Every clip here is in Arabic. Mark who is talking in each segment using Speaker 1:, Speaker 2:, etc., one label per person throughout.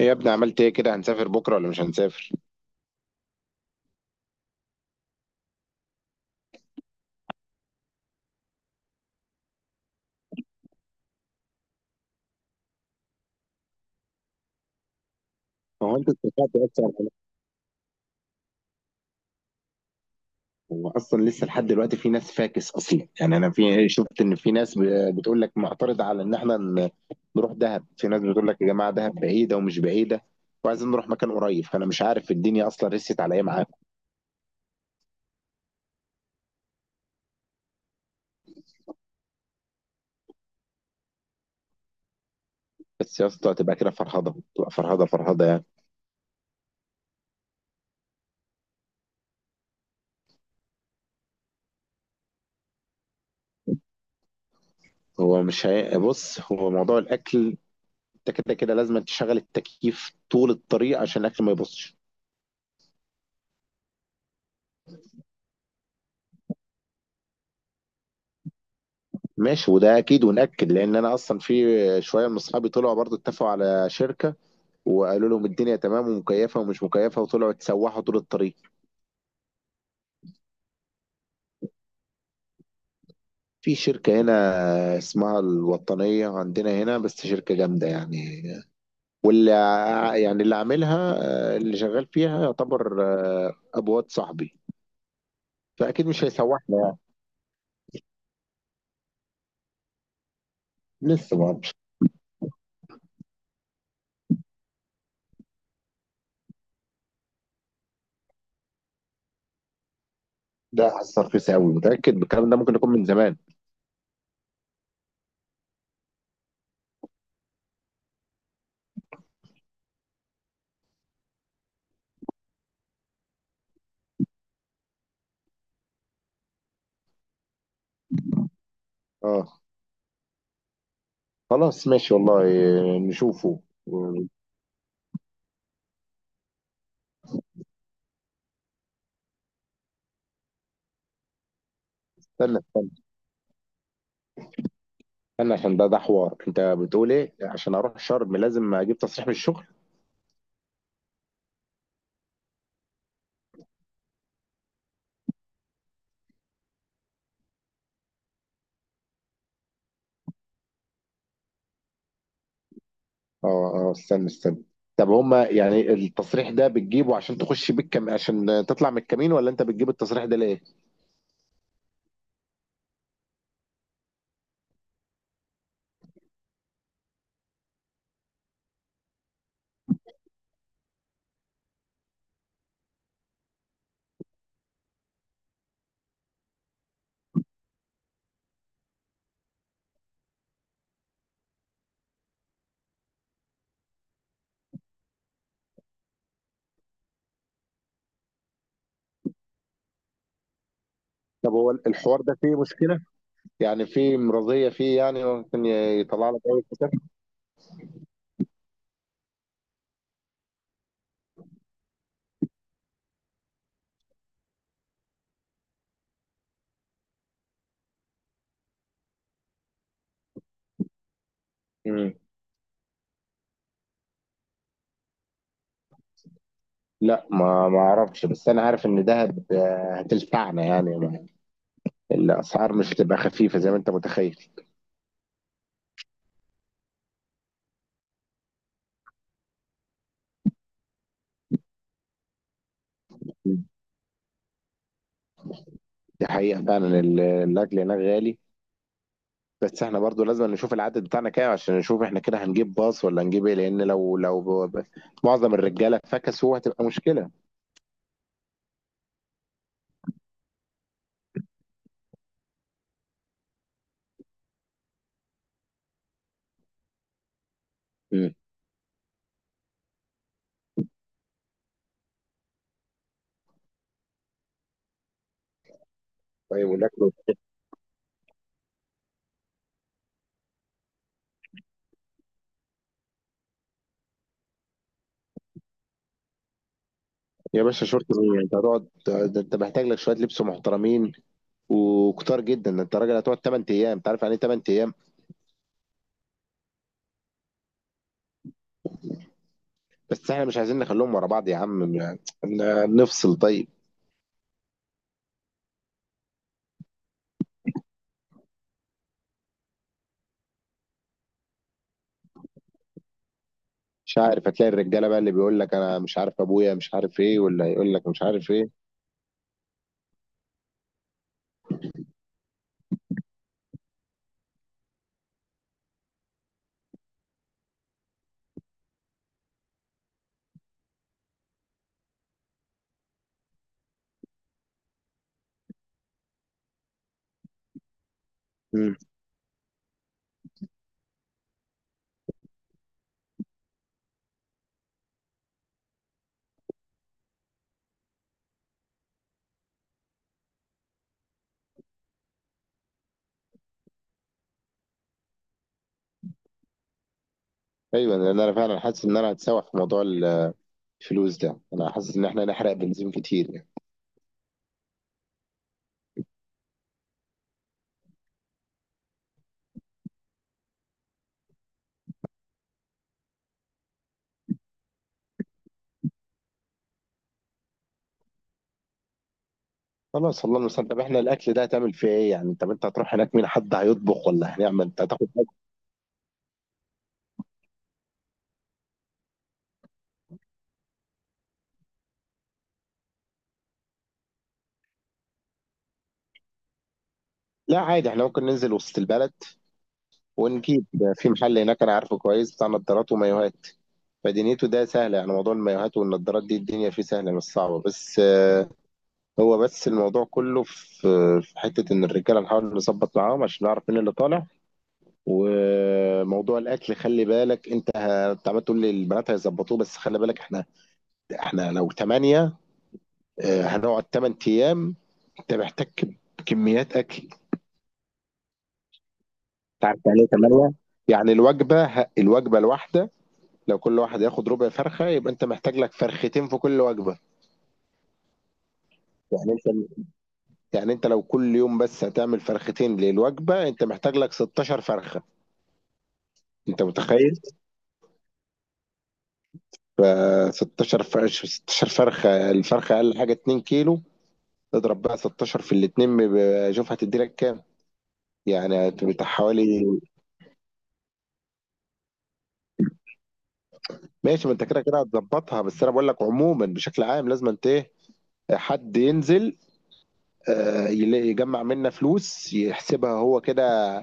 Speaker 1: ايه يا ابني، عملت ايه كده؟ هنسافر بكره ولا مش هنسافر؟ هو انت اتفقت اصلا على- هو اصلا لسه لحد دلوقتي في ناس فاكس اصلا، يعني انا شفت ان في ناس بتقول لك معترض على ان احنا نروح دهب. في ناس بتقول لك يا جماعه دهب بعيده ومش بعيده، وعايزين نروح مكان قريب. فانا مش عارف الدنيا اصلا رست على ايه معاكم. بس يا اسطى تبقى كده فرهضه، تبقى فرهضه فرهضه يعني. هو مش بص، هو موضوع الاكل، انت كده كده لازم تشغل التكييف طول الطريق عشان الاكل ما يبصش. ماشي، وده اكيد ونأكد، لان انا اصلا في شويه من اصحابي طلعوا برضو اتفقوا على شركه، وقالوا لهم الدنيا تمام ومكيفه، ومش مكيفه وطلعوا اتسوحوا طول الطريق. في شركه هنا اسمها الوطنيه عندنا هنا، بس شركه جامده يعني. واللي اللي عاملها، اللي شغال فيها يعتبر ابو واد صاحبي، فاكيد مش هيسوحنا يعني. لسه ما اعرفش. ده حاسس رخيص قوي، متاكد بالكلام ده؟ ممكن يكون من زمان. اه، خلاص ماشي والله، نشوفه. استنى، انا عشان ده حوار، انت بتقول ايه؟ عشان اروح شرم لازم اجيب تصريح من الشغل؟ اه اه، استنى. طب هما يعني التصريح ده بتجيبه عشان تخش بيه عشان تطلع من الكمين، ولا انت بتجيب التصريح ده ليه؟ طب هو الحوار ده فيه مشكلة؟ يعني فيه مرضية فيه، يعني ممكن يطلع لك اي كتاب؟ مم. لا، ما اعرفش، بس انا عارف ان دهب هتلفعنا يعني الاسعار مش هتبقى خفيفة زي ما انت متخيل. مم. دي حقيقة فعلا، الاكل هناك غالي. بس احنا برضو لازم نشوف العدد بتاعنا كام، عشان نشوف احنا كده هنجيب باص ولا هنجيب ايه، لان لو ب- ب- معظم الرجاله فكسوا هتبقى مشكله. مم. طيب والاكل؟ يا باشا، شورت ايه؟ انت هتقعد، ده انت محتاج لك شويه لبس محترمين وكتار جدا. ده انت راجل هتقعد 8 ايام، انت عارف يعني ايه 8 ايام؟ بس احنا مش عايزين نخليهم ورا بعض يا عم يعني، نفصل. طيب، مش عارف، هتلاقي الرجاله بقى اللي بيقول لك انا مش عارف ابويا مش عارف ايه، ولا يقول لك مش عارف ايه. مم. ايوه، لان انا فعلا حاسس ان انا هتسوح في موضوع الفلوس ده. انا حاسس ان احنا نحرق بنزين كتير يعني. خلاص، الله المستعان. طب احنا الاكل ده هتعمل فيه ايه يعني؟ طب انت هتروح هناك مين حد هيطبخ، ولا هنعمل انت هتاخد حاجة؟ لا عادي، احنا ممكن ننزل وسط البلد ونجيب ده في محل هناك انا عارفه كويس، بتاع نظارات ومايوهات. فدنيته ده سهله يعني، موضوع المايوهات والنظارات دي الدنيا فيه سهله مش صعبه. بس هو بس الموضوع كله في حته ان الرجاله نحاول نظبط معاهم عشان نعرف مين اللي طالع. وموضوع الاكل خلي بالك، انت انت عمال تقول لي البنات هيظبطوه، بس خلي بالك احنا، لو 8 هنقعد 8 ايام، انت محتاج كميات اكل، تعرف يعني ايه 8؟ يعني الوجبة الوجبة الواحدة لو كل واحد ياخد ربع فرخة يبقى انت محتاج لك فرختين في كل وجبة. يعني انت، يعني انت لو كل يوم بس هتعمل فرختين للوجبة، انت محتاج لك 16 فرخة. انت متخيل؟ ف 16 فرخة، 16 فرخة، الفرخة اقل حاجة 2 كيلو. اضرب بقى 16 في الاتنين بيبقى- شوف هتدي لك كام. يعني هتبقى حوالي. ماشي، ما انت كده كده هتظبطها. بس انا بقول لك عموما بشكل عام، لازم انت ايه، حد ينزل يجمع منا فلوس يحسبها هو كده،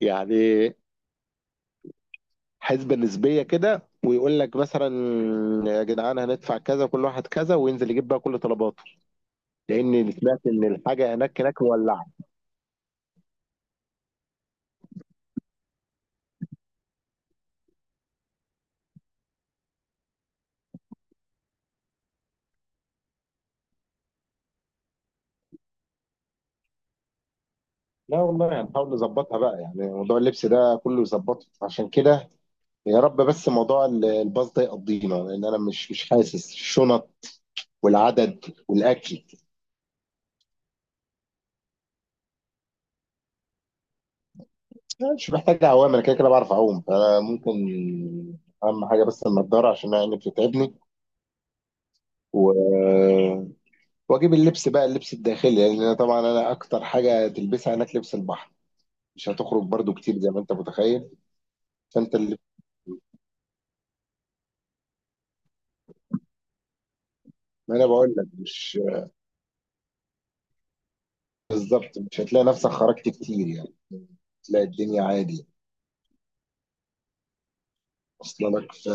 Speaker 1: يعني حسبة نسبية كده، ويقول لك مثلا يا جدعان هندفع كذا، كل واحد كذا، وينزل يجيب بقى كل طلباته. لان سمعت ان الحاجة هناك هناك مولعة. لا والله، هنحاول نظبطها بقى، يعني موضوع اللبس ده كله يظبطه عشان كده. يا رب بس موضوع الباص ده يقضينا، لان انا مش حاسس الشنط والعدد والاكل. لا، مش محتاج عوام، انا كده كده بعرف اعوم، فانا ممكن اهم حاجه بس النضاره عشان انا عيني بتتعبني. و... واجيب اللبس بقى، اللبس الداخلي، لان انا طبعا، اكتر حاجه تلبسها هناك لبس البحر، مش هتخرج برضو كتير زي ما انت متخيل. فانت اللي، ما انا بقول لك، مش بالظبط، مش هتلاقي نفسك خرجت كتير يعني، تلاقي الدنيا عادي. اصلا لك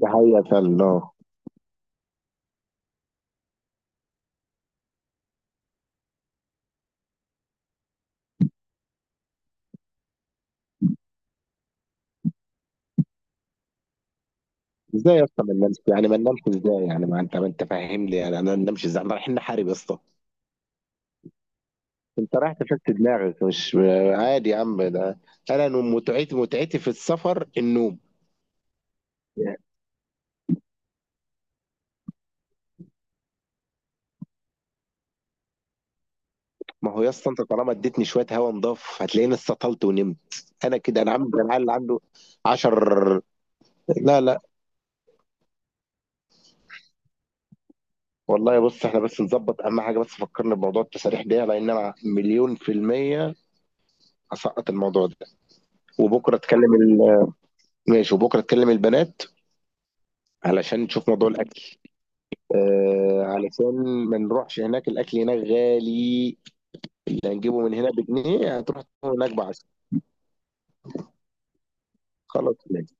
Speaker 1: دي حقيقة فعلا. اه، ازاي يا اسطى ما ننامش؟ يعني ما ننامش ازاي يعني؟ ما انت، فاهم لي يعني انا، ما ننامش ازاي؟ احنا رايحين نحارب يا اسطى؟ انت رايح تفك دماغك مش عادي، يا عم ده انا متعتي، متعتي في السفر النوم. ما هو يا اسطى انت طالما اديتني شويه هوا نضاف، هتلاقيني استطلت ونمت. انا كده، عامل زي العيال اللي عنده 10. لا لا والله، بص احنا بس نظبط اهم حاجه، بس فكرنا بموضوع التساريح ده لان انا مليون في الميه هسقط الموضوع ده. وبكره اتكلم ماشي، وبكره اتكلم البنات علشان نشوف موضوع الاكل، آه، علشان ما نروحش هناك الاكل هناك غالي. اللي هنجيبه من هنا بجنيه هتروح تجيبه هناك ب10. خلاص.